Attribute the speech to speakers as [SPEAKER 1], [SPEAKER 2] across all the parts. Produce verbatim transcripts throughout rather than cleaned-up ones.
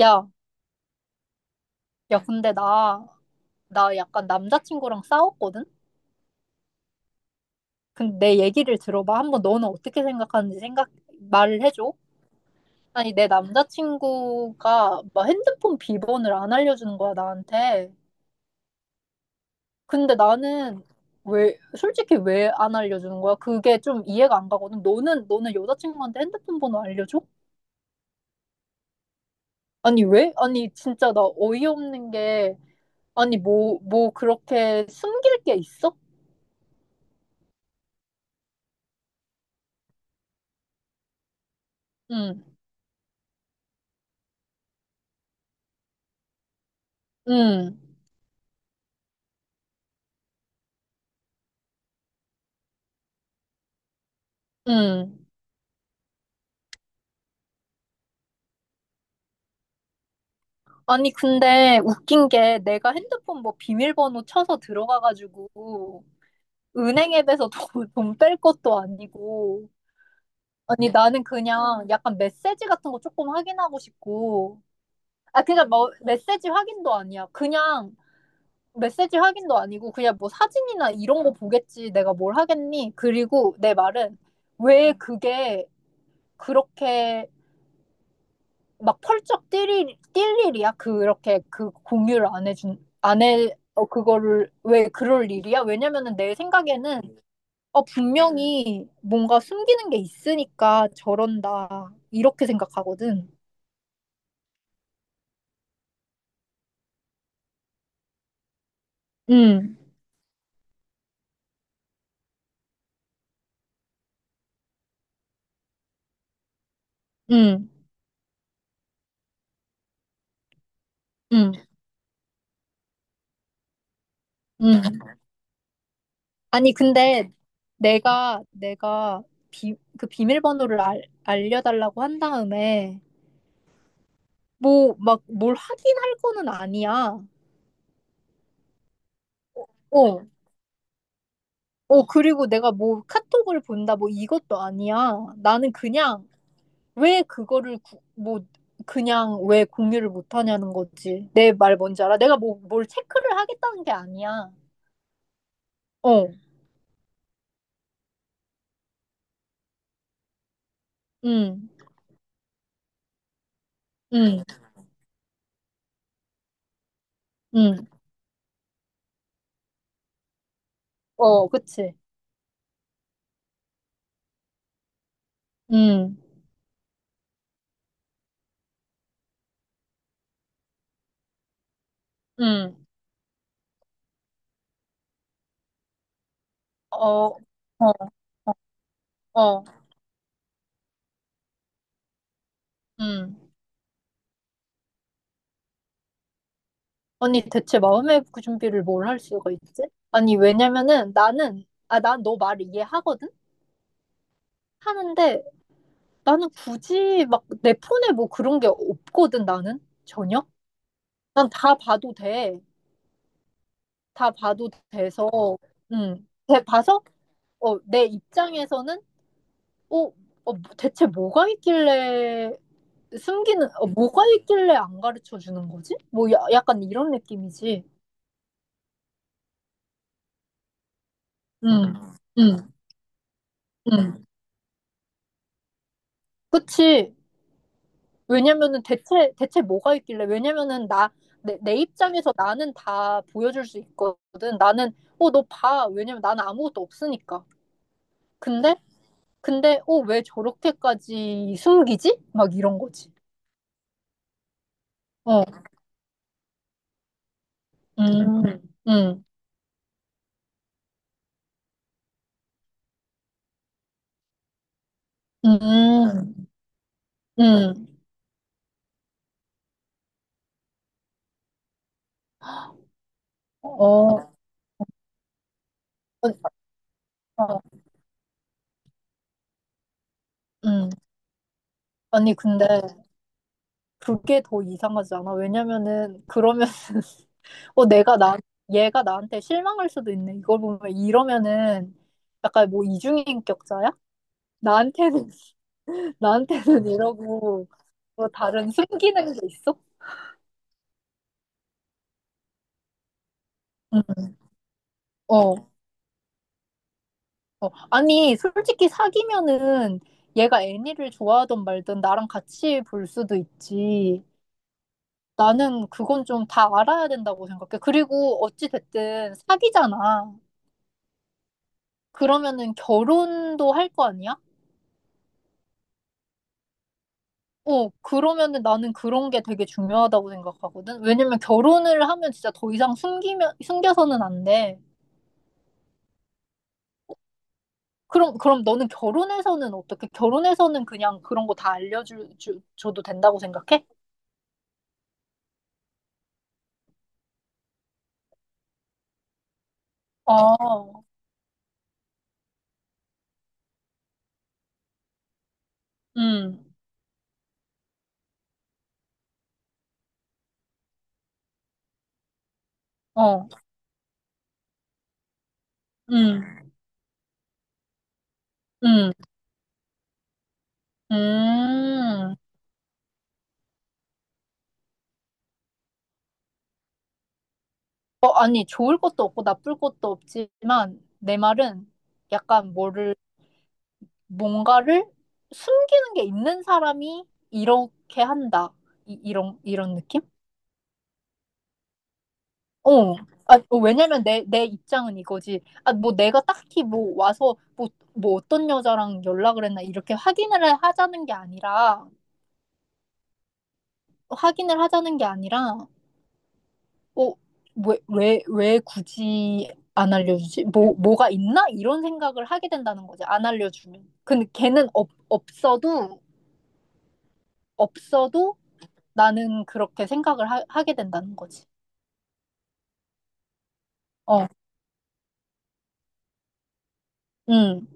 [SPEAKER 1] 야, 야, 근데 나, 나 약간 남자친구랑 싸웠거든? 근데 내 얘기를 들어봐. 한번 너는 어떻게 생각하는지 생각, 말을 해줘. 아니, 내 남자친구가 막 핸드폰 비번을 안 알려주는 거야, 나한테. 근데 나는 왜, 솔직히 왜 안 알려주는 거야? 그게 좀 이해가 안 가거든. 너는, 너는 여자친구한테 핸드폰 번호 알려줘? 아니, 왜? 아니, 진짜 나 어이없는 게, 아니, 뭐, 뭐 그렇게 숨길 게 있어? 응, 응, 응. 아니, 근데 웃긴 게 내가 핸드폰 뭐 비밀번호 쳐서 들어가가지고 은행 앱에서 돈 뺄 것도 아니고. 아니, 나는 그냥 약간 메시지 같은 거 조금 확인하고 싶고. 아, 그러니까 뭐 메시지 확인도 아니야. 그냥 메시지 확인도 아니고 그냥 뭐 사진이나 이런 거 보겠지. 내가 뭘 하겠니? 그리고 내 말은 왜 그게 그렇게 막 펄쩍 뛸 일, 뛸 일이야? 그렇게 그 공유를 안 해준, 안 해, 어, 그거를, 왜 그럴 일이야? 왜냐면은 내 생각에는, 어, 분명히 뭔가 숨기는 게 있으니까 저런다. 이렇게 생각하거든. 응, 응, 응, 응. 아니, 근데 내가, 내가 비, 그 비밀번호를 알, 알려달라고 한 다음에, 뭐, 막 뭘 하긴 할 거는 아니야. 어, 어, 그리고 내가 뭐 카톡을 본다, 뭐 이것도 아니야. 나는 그냥 왜 그거를 구- 뭐 그냥 왜 공유를 못 하냐는 거지. 내 말 뭔지 알아? 내가 뭐 뭘 체크를 하겠다는 게 아니야. 어, 응, 응, 응. 어, 그치. 응, 응. 어, 어, 어, 음. 언니, 대체 마음의 그 준비를 뭘 할 수가 있지? 아니, 왜냐면은 나는, 아, 난 너 말을 이해하거든? 하는데, 나는 굳이 막 내 폰에 뭐 그런 게 없거든, 나는 전혀. 난 다 봐도 돼. 다 봐도 돼서, 음, 돼- 봐서, 어, 내 입장에서는, 어, 어, 뭐 대체 뭐가 있길래 숨기는, 어, 뭐가 있길래 안 가르쳐 주는 거지? 뭐, 야, 약간 이런 느낌이지. 음, 음, 음. 그치. 왜냐면은 대체 대체 뭐가 있길래 왜냐면은 나 내 내 입장에서 나는 다 보여줄 수 있거든. 나는 어 너 봐. 왜냐면 나는 아무것도 없으니까. 근데 근데 어 왜 저렇게까지 숨기지 막 이런 거지. 어. 음. 음. 음. 음. 어. 어, 어. 음. 아니 근데 그게 더 이상하지 않아? 왜냐면은 그러면 어, 내가 나, 얘가 나한테 실망할 수도 있네. 이걸 보면 이러면은 약간 뭐 이중인격자야? 나한테는, 나한테는 이러고 뭐 다른 숨기는 게 있어? 응, 어, 어. 아니, 솔직히 사귀면은 얘가 애니를 좋아하든 말든 나랑 같이 볼 수도 있지. 나는 그건 좀 다 알아야 된다고 생각해. 그리고 어찌 됐든 사귀잖아. 그러면은 결혼도 할 거 아니야? 어, 그러면은 나는 그런 게 되게 중요하다고 생각하거든. 왜냐면 결혼을 하면 진짜 더 이상 숨기면, 숨겨서는 안 돼. 그럼, 그럼 너는 결혼해서는 어떻게? 결혼해서는 그냥 그런 거 다 알려줘, 주- 줘도 된다고 생각해? 어, 음, 어, 음, 음, 음. 어, 아니, 좋을 것도 없고 나쁠 것도 없지만 내 말은 약간 뭐를, 뭔가를 숨기는 게 있는 사람이 이렇게 한다. 이, 이런, 이런 느낌? 어. 아, 어, 왜냐면 내, 내 입장은 이거지. 아, 뭐 내가 딱히 뭐 와서 뭐, 뭐, 어떤 여자랑 연락을 했나 이렇게 확인을 해- 하자는 게 아니라, 확인을 하자는 게 아니라, 어, 왜, 왜, 왜 굳이 안 알려주지? 뭐, 뭐가 있나? 이런 생각을 하게 된다는 거지. 안 알려주면. 근데 걔는 없, 없어도, 없어도 나는 그렇게 생각을 하, 하게 된다는 거지. 어, 음,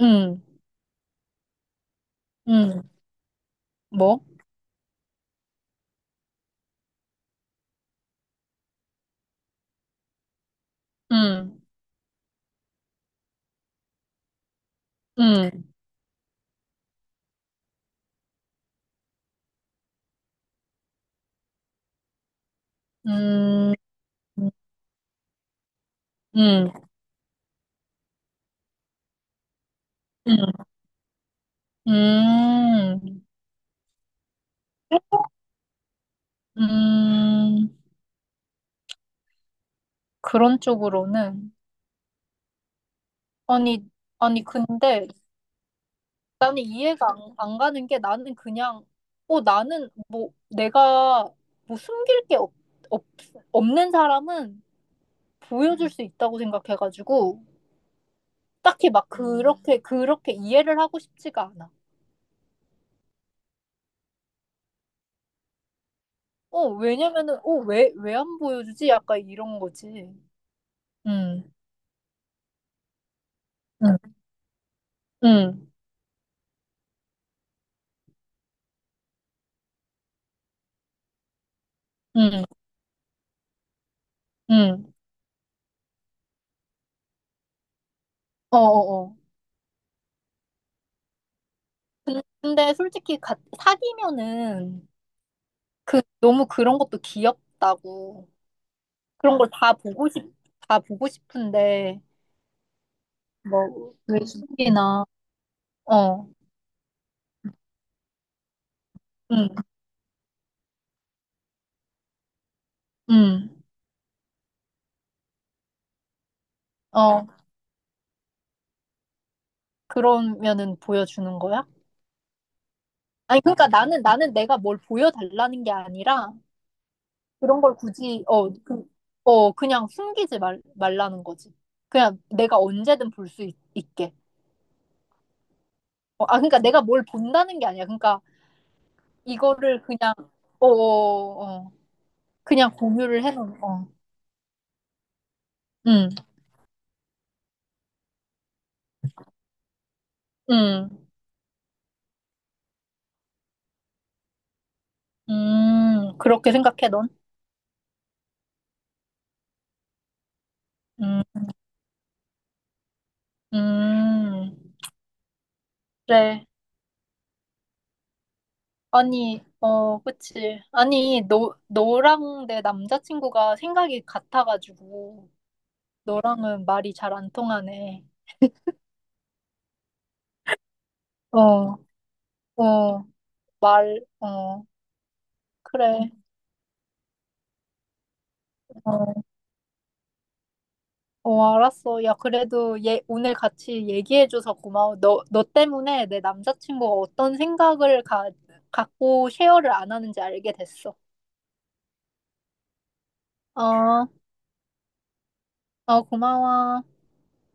[SPEAKER 1] 음, 음, 뭐? 음, 음, 음. 음, 음, 음, 음, 그런 쪽으로는. 아니, 아니, 근데 나는 이해가 안, 안 가는 게 나는 그냥, 어, 나는 뭐, 내가 뭐 숨길 게 없, 없, 없는 사람은 보여줄 수 있다고 생각해가지고, 딱히 막 그렇게, 그렇게 이해를 하고 싶지가 않아. 어, 왜냐면은, 어, 왜, 왜 안 보여주지? 약간 이런 거지. 음, 음, 음, 음, 음. 어어어. 근데 솔직히 가, 사귀면은 그 너무 그런 것도 귀엽다고 그런 걸 다 보고 싶, 다 보고 싶은데 뭐 외식이나 어, 응, 응, 어 그러면은 보여주는 거야? 아니 그러니까 나는 나는 내가 뭘 보여달라는 게 아니라 그런 걸 굳이 어, 그, 어 그냥 숨기지 말, 말라는 거지. 그냥 내가 언제든 볼 수 있게. 어, 아 그러니까 내가 뭘 본다는 게 아니야. 그러니까 이거를 그냥 어, 어, 어. 어. 그냥 공유를 해놓은 어. 음, 음, 음, 그렇게 생각해 넌? 음, 음, 그래. 아니, 어, 그치. 아니, 너, 너랑 내 남자친구가 생각이 같아가지고 너랑은 말이 잘 안 통하네. 어, 어, 말, 어, 그래. 어. 어, 알았어. 야, 그래도 얘 오늘 같이 얘기해줘서 고마워. 너, 너 때문에 내 남자친구가 어떤 생각을 가, 갖고 쉐어를 안 하는지 알게 됐어. 어, 어, 고마워.